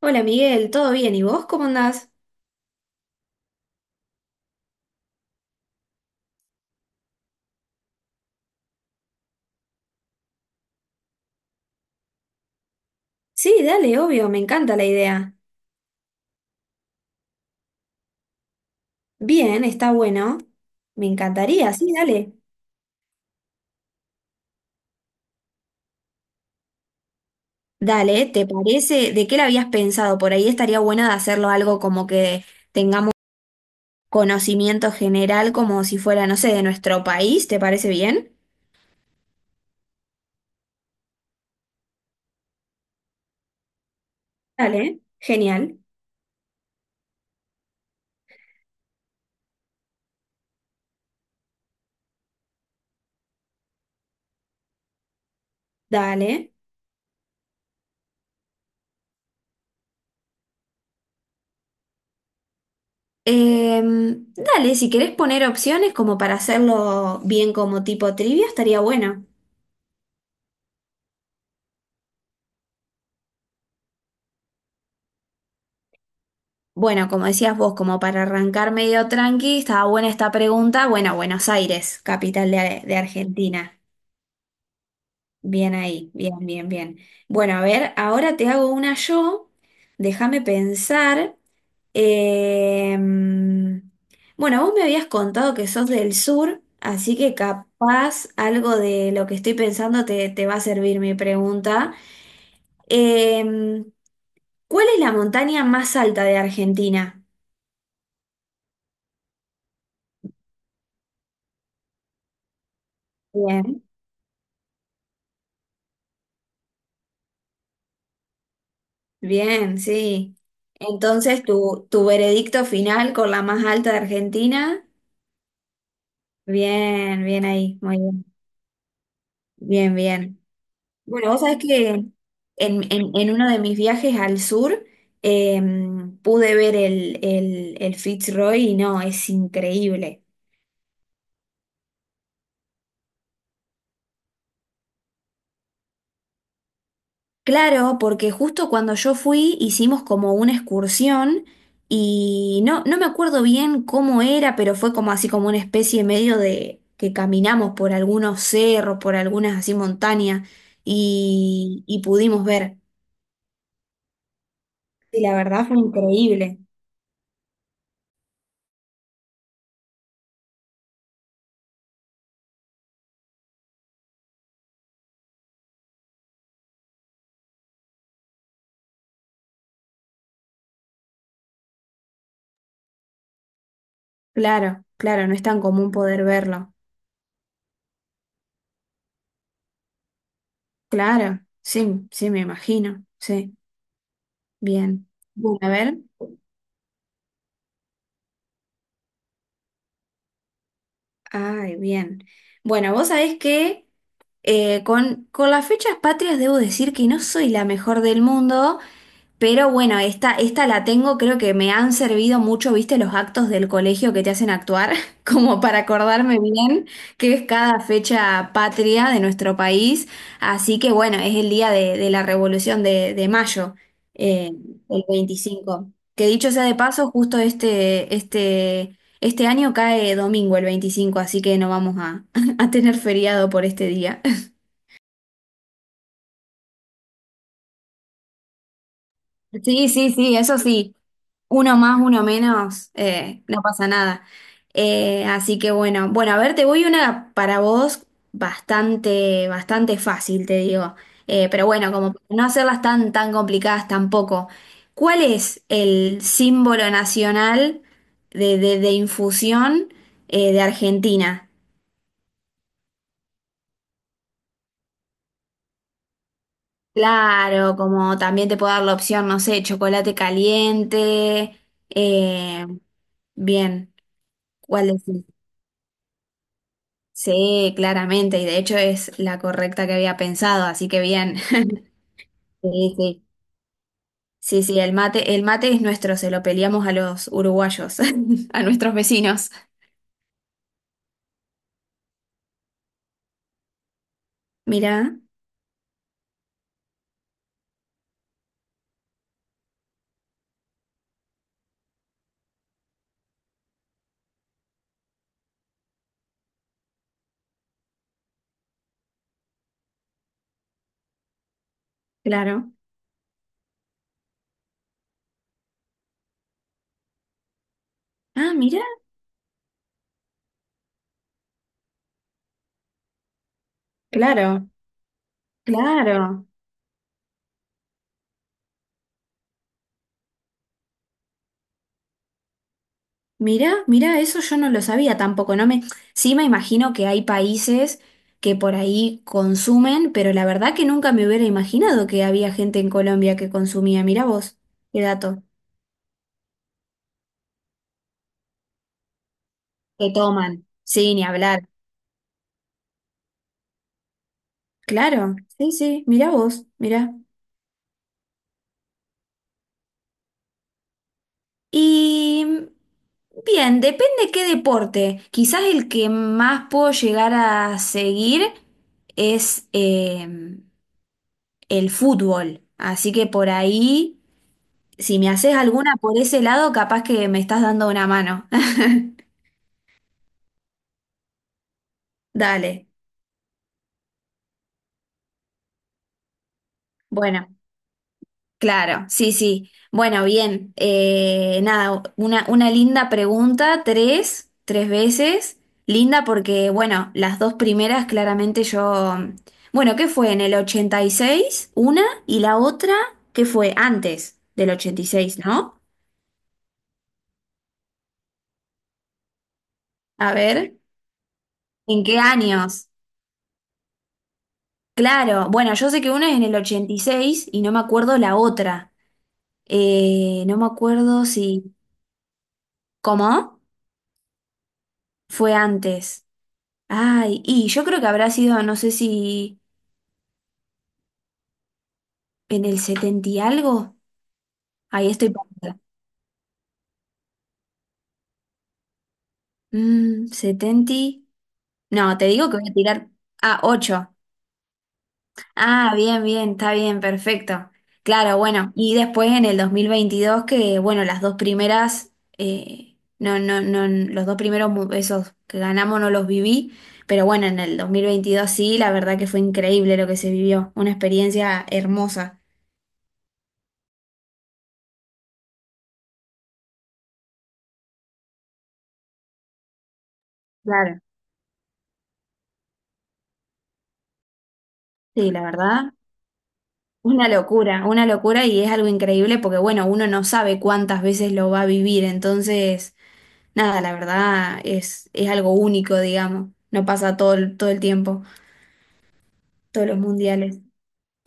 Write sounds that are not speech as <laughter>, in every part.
Hola Miguel, ¿todo bien? ¿Y vos cómo andás? Sí, dale, obvio, me encanta la idea. Bien, está bueno. Me encantaría, sí, dale. Dale, ¿te parece? ¿De qué la habías pensado? Por ahí estaría buena de hacerlo algo como que tengamos conocimiento general, como si fuera, no sé, de nuestro país, ¿te parece bien? Dale, genial, dale. Dale, si querés poner opciones como para hacerlo bien como tipo trivia, estaría bueno. Bueno, como decías vos, como para arrancar medio tranqui, estaba buena esta pregunta. Bueno, Buenos Aires, capital de Argentina. Bien ahí, bien, bien, bien. Bueno, a ver, ahora te hago una yo. Déjame pensar. Eh, bueno, vos me habías contado que sos del sur, así que capaz algo de lo que estoy pensando te va a servir mi pregunta. Eh, ¿Cuál es la montaña más alta de Argentina? Bien, sí. Entonces, tu veredicto final con la más alta de Argentina. Bien, bien ahí, muy bien. Bien, bien. Bueno, vos sabés que en uno de mis viajes al sur pude ver el Fitzroy y no, es increíble. Claro, porque justo cuando yo fui hicimos como una excursión y no me acuerdo bien cómo era, pero fue como así como una especie medio de que caminamos por algunos cerros, por algunas así montañas y pudimos ver. Y la verdad fue increíble. Claro, claro, no es tan común poder verlo. Claro, sí, sí, me imagino. Sí, bien. Bueno, a ver. Ay, bien. Bueno, vos sabés que... con las fechas patrias debo decir que no soy la mejor del mundo, pero bueno, esta la tengo, creo que me han servido mucho, viste, los actos del colegio que te hacen actuar, <laughs> como para acordarme bien que es cada fecha patria de nuestro país. Así que bueno, es el día de la Revolución de Mayo, eh, el 25. Que dicho sea de paso, justo este año cae domingo el 25, así que no vamos a, <laughs> a tener feriado por este día. Sí, sí, sí, eso sí. Uno más, uno menos, no pasa nada. Así que bueno, bueno, a ver, te voy una para vos bastante, bastante fácil, te digo. Pero bueno, como para no hacerlas tan, tan complicadas tampoco. ¿Cuál es el símbolo nacional de infusión de Argentina? Claro, como también te puedo dar la opción, no sé, chocolate caliente. eh, bien. ¿Cuál es? Sí, claramente, y de hecho es la correcta que había pensado, así que bien. <laughs> Sí, sí. Sí, sí, el mate es nuestro, se lo peleamos a los uruguayos, <laughs> a nuestros vecinos. Mirá, claro. Ah, mirá, claro, claro. Mirá, mirá, eso yo no lo sabía tampoco. No me, sí me imagino que hay países que por ahí consumen, pero la verdad que nunca me hubiera imaginado que había gente en Colombia que consumía. Mirá vos, qué dato. Que toman. Sí, ni hablar. Claro, sí, sí, mirá vos, mirá. Y bien, depende qué deporte. Quizás el que más puedo llegar a seguir es el fútbol. Así que por ahí, si me haces alguna por ese lado, capaz que me estás dando una mano. <laughs> Dale. Bueno. Claro, sí, sí. Bueno, bien. Nada, una linda pregunta, tres veces. Linda porque, bueno, las dos primeras claramente yo... Bueno, ¿qué fue? En el 86 una, y la otra, ¿qué fue? Antes del 86, ¿no? A ver, ¿en qué años? Claro, bueno, yo sé que una es en el 86 y seis y no me acuerdo la otra. No me acuerdo si... ¿Cómo? Fue antes. Ay, y yo creo que habrá sido, no sé si en el 70 y algo. Ahí estoy perdida. Mm, 70. No, te digo que voy a tirar a 8. Ah, bien, bien, está bien, perfecto. Claro, bueno, y después en el 2022 que, bueno, las dos primeras, no, no, no, los dos primeros, mu- esos que ganamos no los viví, pero bueno, en el 2022 sí, la verdad que fue increíble lo que se vivió, una experiencia hermosa. Claro. Sí, la verdad. Una locura y es algo increíble porque, bueno, uno no sabe cuántas veces lo va a vivir, entonces, nada, la verdad es algo único, digamos, no pasa todo el tiempo, todos los mundiales.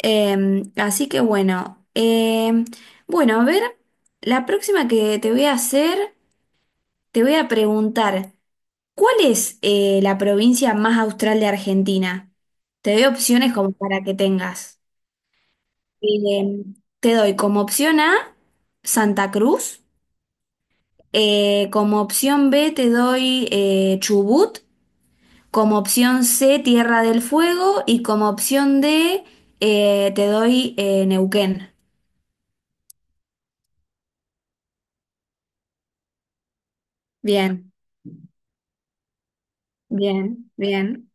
Así que bueno, bueno, a ver, la próxima que te voy a hacer, te voy a preguntar, ¿cuál es la, provincia más austral de Argentina? Te doy opciones como para que tengas. Eh, te doy como opción A Santa Cruz, como opción B te doy Chubut, como opción C Tierra del Fuego y como opción D te doy Neuquén. Bien, bien, bien,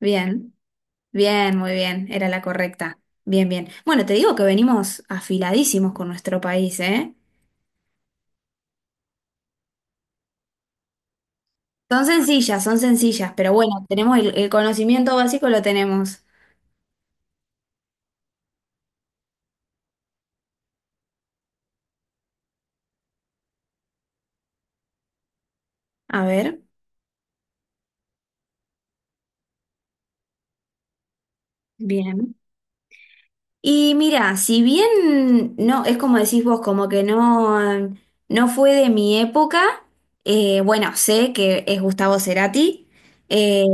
bien, bien, muy bien, era la correcta. Bien, bien. Bueno, te digo que venimos afiladísimos con nuestro país, ¿eh? Son sencillas, pero bueno, tenemos el conocimiento básico, lo tenemos. A ver, bien. Y mira, si bien no, es como decís vos, como que no, fue de mi época, bueno, sé que es Gustavo Cerati, eh,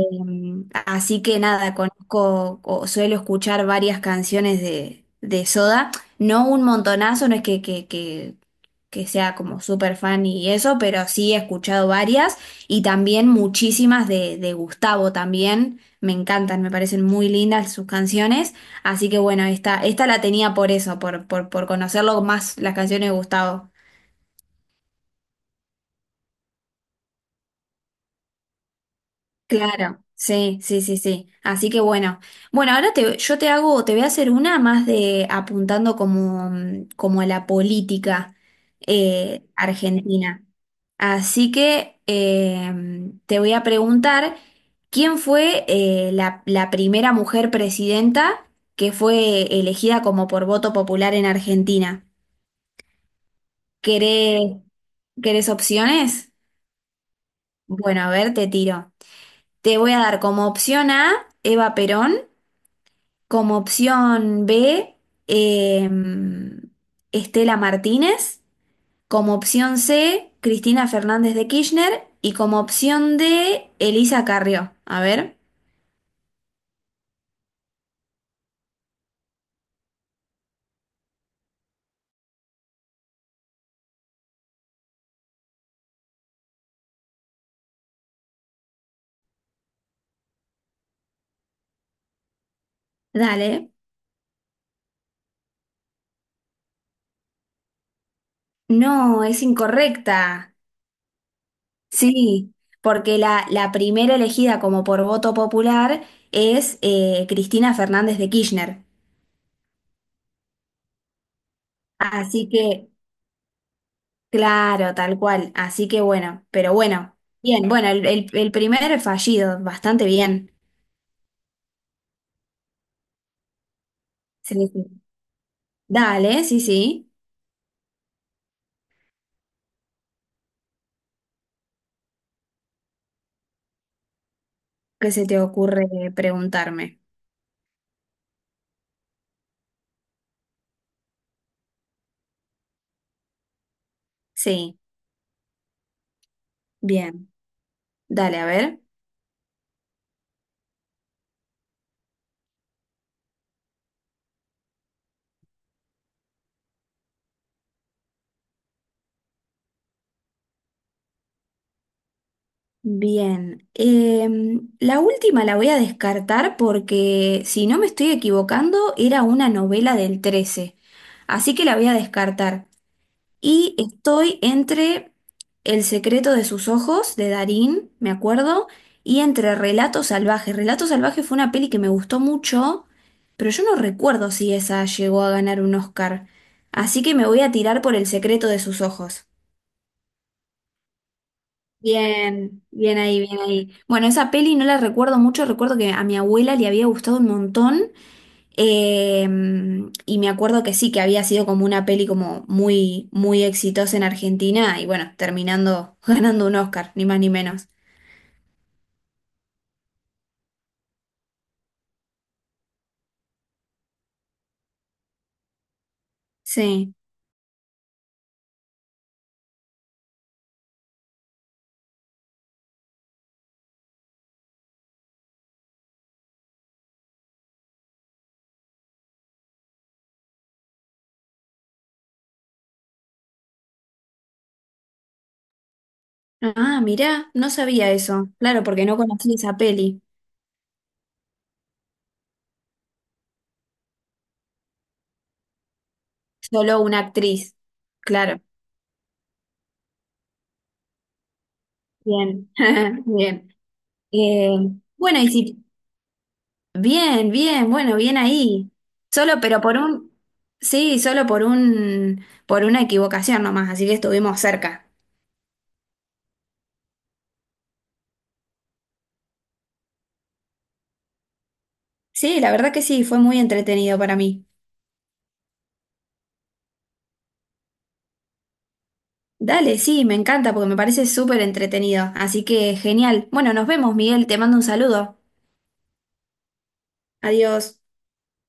así que nada, conozco o suelo escuchar varias canciones de Soda, no un montonazo, no es que sea como súper fan y eso, pero sí he escuchado varias y también muchísimas de Gustavo también, me encantan, me parecen muy lindas sus canciones. Así que bueno, esta la tenía por eso, por conocerlo más las canciones de Gustavo. Claro, sí, sí, sí, sí. Así que bueno. Bueno, ahora te, yo te hago, te voy a hacer una más de apuntando como, como a la política argentina. Así que te voy a preguntar quién fue la primera mujer presidenta que fue elegida como por voto popular en Argentina. ¿Querés, querés opciones? Bueno, a ver, te tiro. Te voy a dar como opción A, Eva Perón, como opción B, eh, Estela Martínez, como opción C, Cristina Fernández de Kirchner y como opción D, Elisa Carrió. A ver, dale. No, es incorrecta. Sí, porque la primera elegida como por voto popular es Cristina Fernández de Kirchner. Así que, claro, tal cual. Así que bueno, pero bueno, bien, bueno, el primer fallido, bastante bien. Sí, sí. Dale, sí, sí. ¿Qué se te ocurre preguntarme? Sí, bien. Dale, a ver. Bien. La última la voy a descartar porque, si no me estoy equivocando, era una novela del 13. Así que la voy a descartar. Y estoy entre El secreto de sus ojos, de Darín, me acuerdo, y entre Relatos salvajes. Relatos salvajes fue una peli que me gustó mucho, pero yo no recuerdo si esa llegó a ganar un Oscar. Así que me voy a tirar por El secreto de sus ojos. Bien, bien ahí, bien ahí. Bueno, esa peli no la recuerdo mucho, recuerdo que a mi abuela le había gustado un montón. Y me acuerdo que sí, que había sido como una peli como muy, muy exitosa en Argentina y bueno, terminando <laughs> ganando un Oscar, ni más ni menos. Sí. Ah, mirá, no sabía eso. Claro, porque no conocí esa peli. Solo una actriz. Claro. Bien, <laughs> bien. Eh, bueno, y si... Bien, bien, bueno, bien ahí. Solo, pero por un... Sí, solo por un... por una equivocación nomás, así que estuvimos cerca. Sí, la verdad que sí, fue muy entretenido para mí. Dale, sí, me encanta porque me parece súper entretenido. Así que genial. Bueno, nos vemos, Miguel. Te mando un saludo. Adiós.